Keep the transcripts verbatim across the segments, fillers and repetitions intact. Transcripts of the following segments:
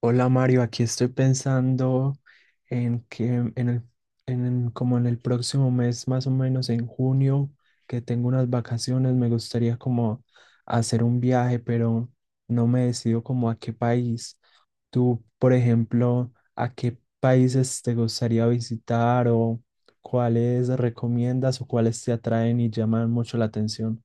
Hola Mario, aquí estoy pensando en que en el, en- como en el próximo mes, más o menos en junio, que tengo unas vacaciones, me gustaría como hacer un viaje, pero no me decido como a qué país. Tú, por ejemplo, ¿a qué países te gustaría visitar o cuáles recomiendas o cuáles te atraen y llaman mucho la atención?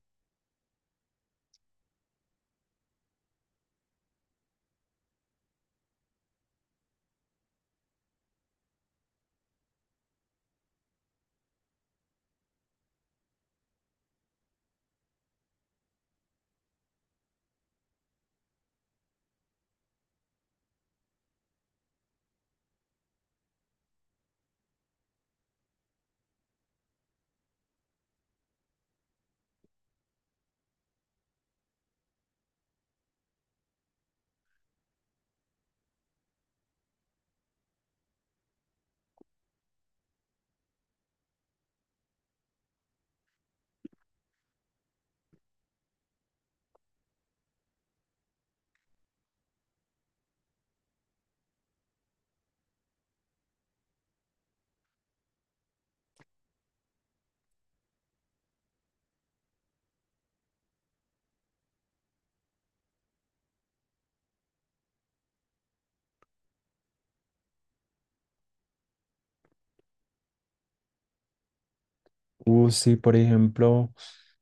Uh, sí, por ejemplo.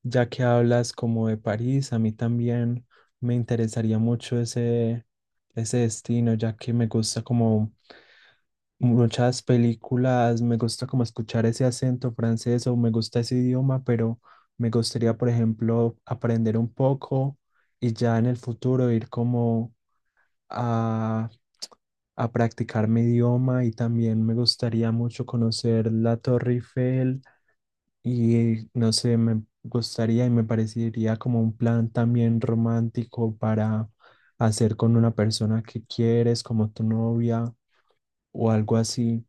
Ya que hablas como de París, a mí también me interesaría mucho ese, ese destino, ya que me gusta como muchas películas, me gusta como escuchar ese acento francés o me gusta ese idioma, pero me gustaría, por ejemplo, aprender un poco y ya en el futuro ir como a, a practicar mi idioma y también me gustaría mucho conocer la Torre Eiffel y no sé, me gustaría y me parecería como un plan también romántico para hacer con una persona que quieres, como tu novia o algo así.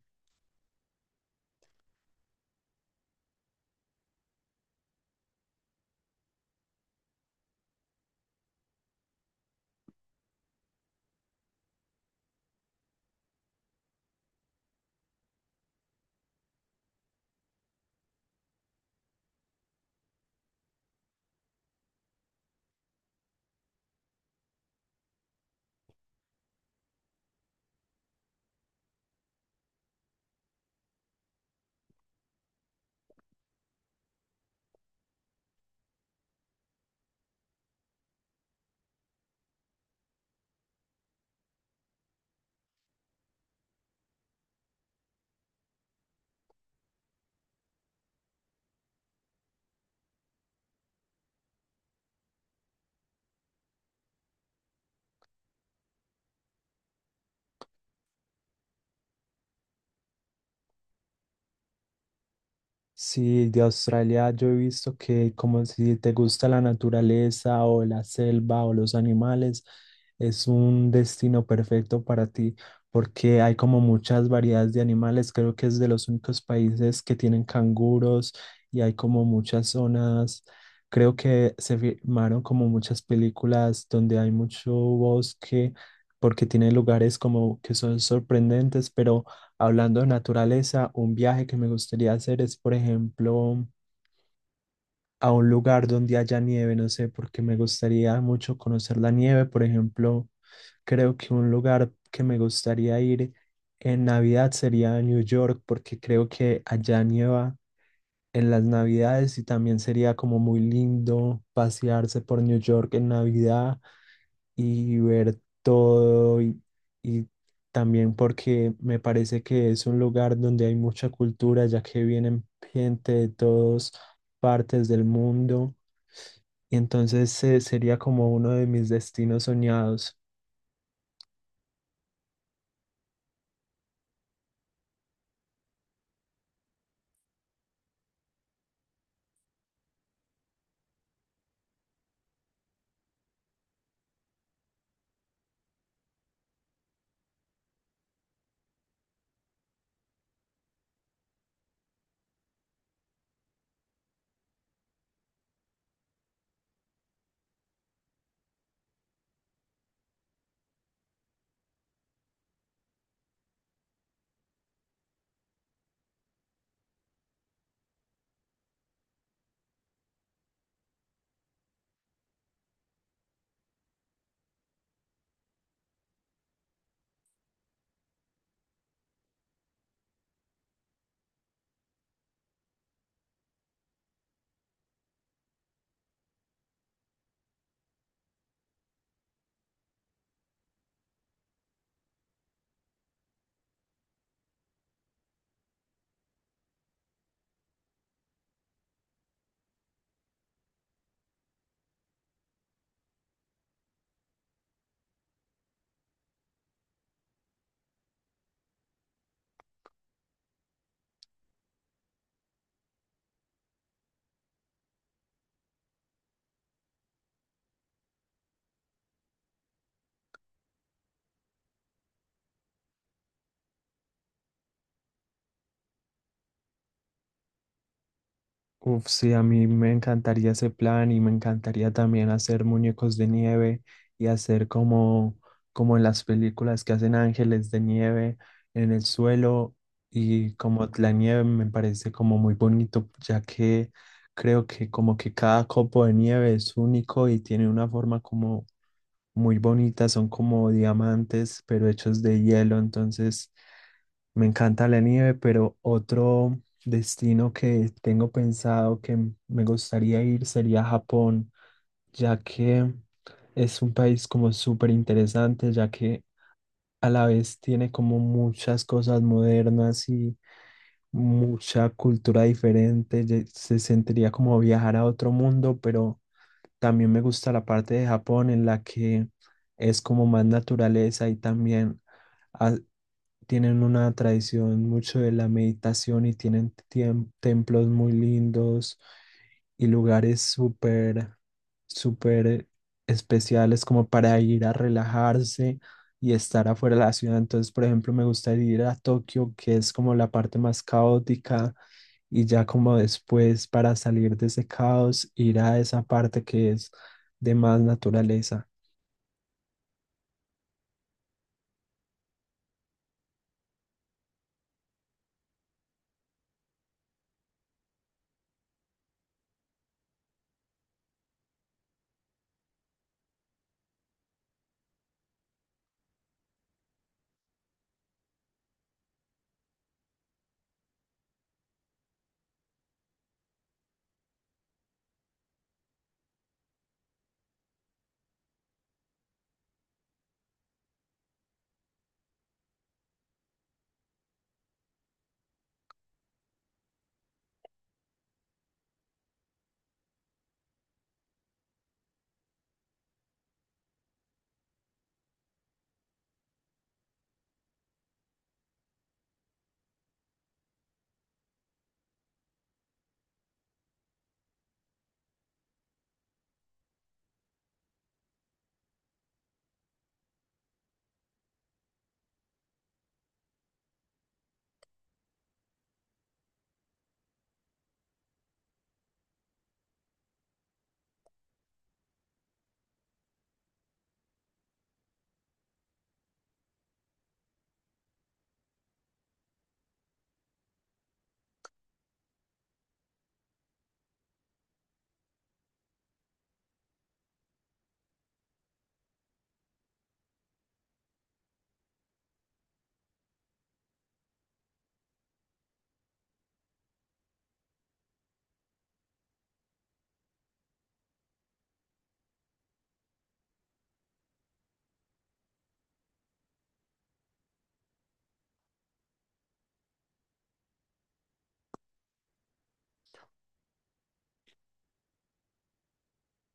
Sí, de Australia yo he visto que como si te gusta la naturaleza o la selva o los animales, es un destino perfecto para ti porque hay como muchas variedades de animales. Creo que es de los únicos países que tienen canguros y hay como muchas zonas. Creo que se filmaron como muchas películas donde hay mucho bosque porque tiene lugares como que son sorprendentes, pero... Hablando de naturaleza, un viaje que me gustaría hacer es, por ejemplo, a un lugar donde haya nieve, no sé, porque me gustaría mucho conocer la nieve. Por ejemplo, creo que un lugar que me gustaría ir en Navidad sería New York, porque creo que allá nieva en las Navidades y también sería como muy lindo pasearse por New York en Navidad y ver todo y, y también porque me parece que es un lugar donde hay mucha cultura, ya que vienen gente de todas partes del mundo. Y entonces eh, sería como uno de mis destinos soñados. Uf, sí, a mí me encantaría ese plan y me encantaría también hacer muñecos de nieve y hacer como, como en las películas que hacen ángeles de nieve en el suelo y como la nieve me parece como muy bonito, ya que creo que como que cada copo de nieve es único y tiene una forma como muy bonitas, son como diamantes, pero hechos de hielo, entonces me encanta la nieve, pero otro destino que tengo pensado que m- me gustaría ir sería Japón, ya que es un país como súper interesante, ya que a la vez tiene como muchas cosas modernas y mucha cultura diferente, ye- se sentiría como viajar a otro mundo, pero también me gusta la parte de Japón en la que es como más naturaleza y también ha- tienen una tradición mucho de la meditación y tienen tiem- templos muy lindos y lugares súper, súper especiales como para ir a relajarse y estar afuera de la ciudad. Entonces, por ejemplo, me gustaría ir a Tokio, que es como la parte más caótica y ya como después para salir de ese caos, ir a esa parte que es de más naturaleza.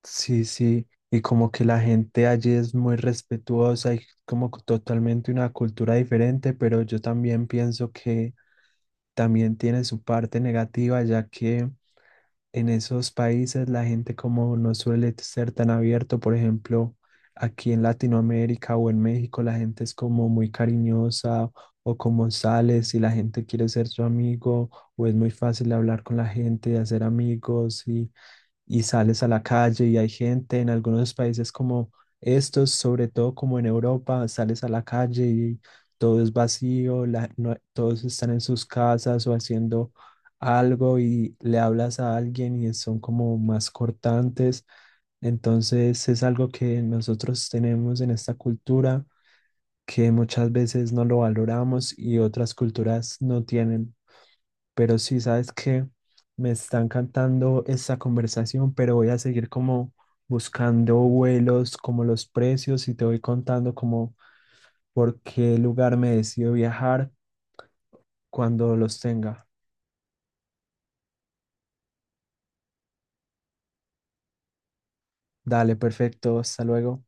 Sí, sí, y como que la gente allí es muy respetuosa y como que totalmente una cultura diferente, pero yo también pienso que también tiene su parte negativa, ya que en esos países la gente como no suele ser tan abierto, por ejemplo, aquí en Latinoamérica o en México la gente es como muy cariñosa o como sales y la gente quiere ser su amigo o es muy fácil hablar con la gente, de hacer amigos y y sales a la calle y hay gente en algunos países como estos, sobre todo como en Europa, sales a la calle y todo es vacío, la- no- todos están en sus casas o haciendo algo y le hablas a alguien y son como más cortantes. Entonces es algo que nosotros tenemos en esta cultura que muchas veces no lo valoramos y otras culturas no tienen. Pero sí, sabes que me está encantando esta conversación, pero voy a seguir como buscando vuelos, como los precios y te voy contando como por qué lugar me decido viajar cuando los tenga. Dale, perfecto, hasta luego.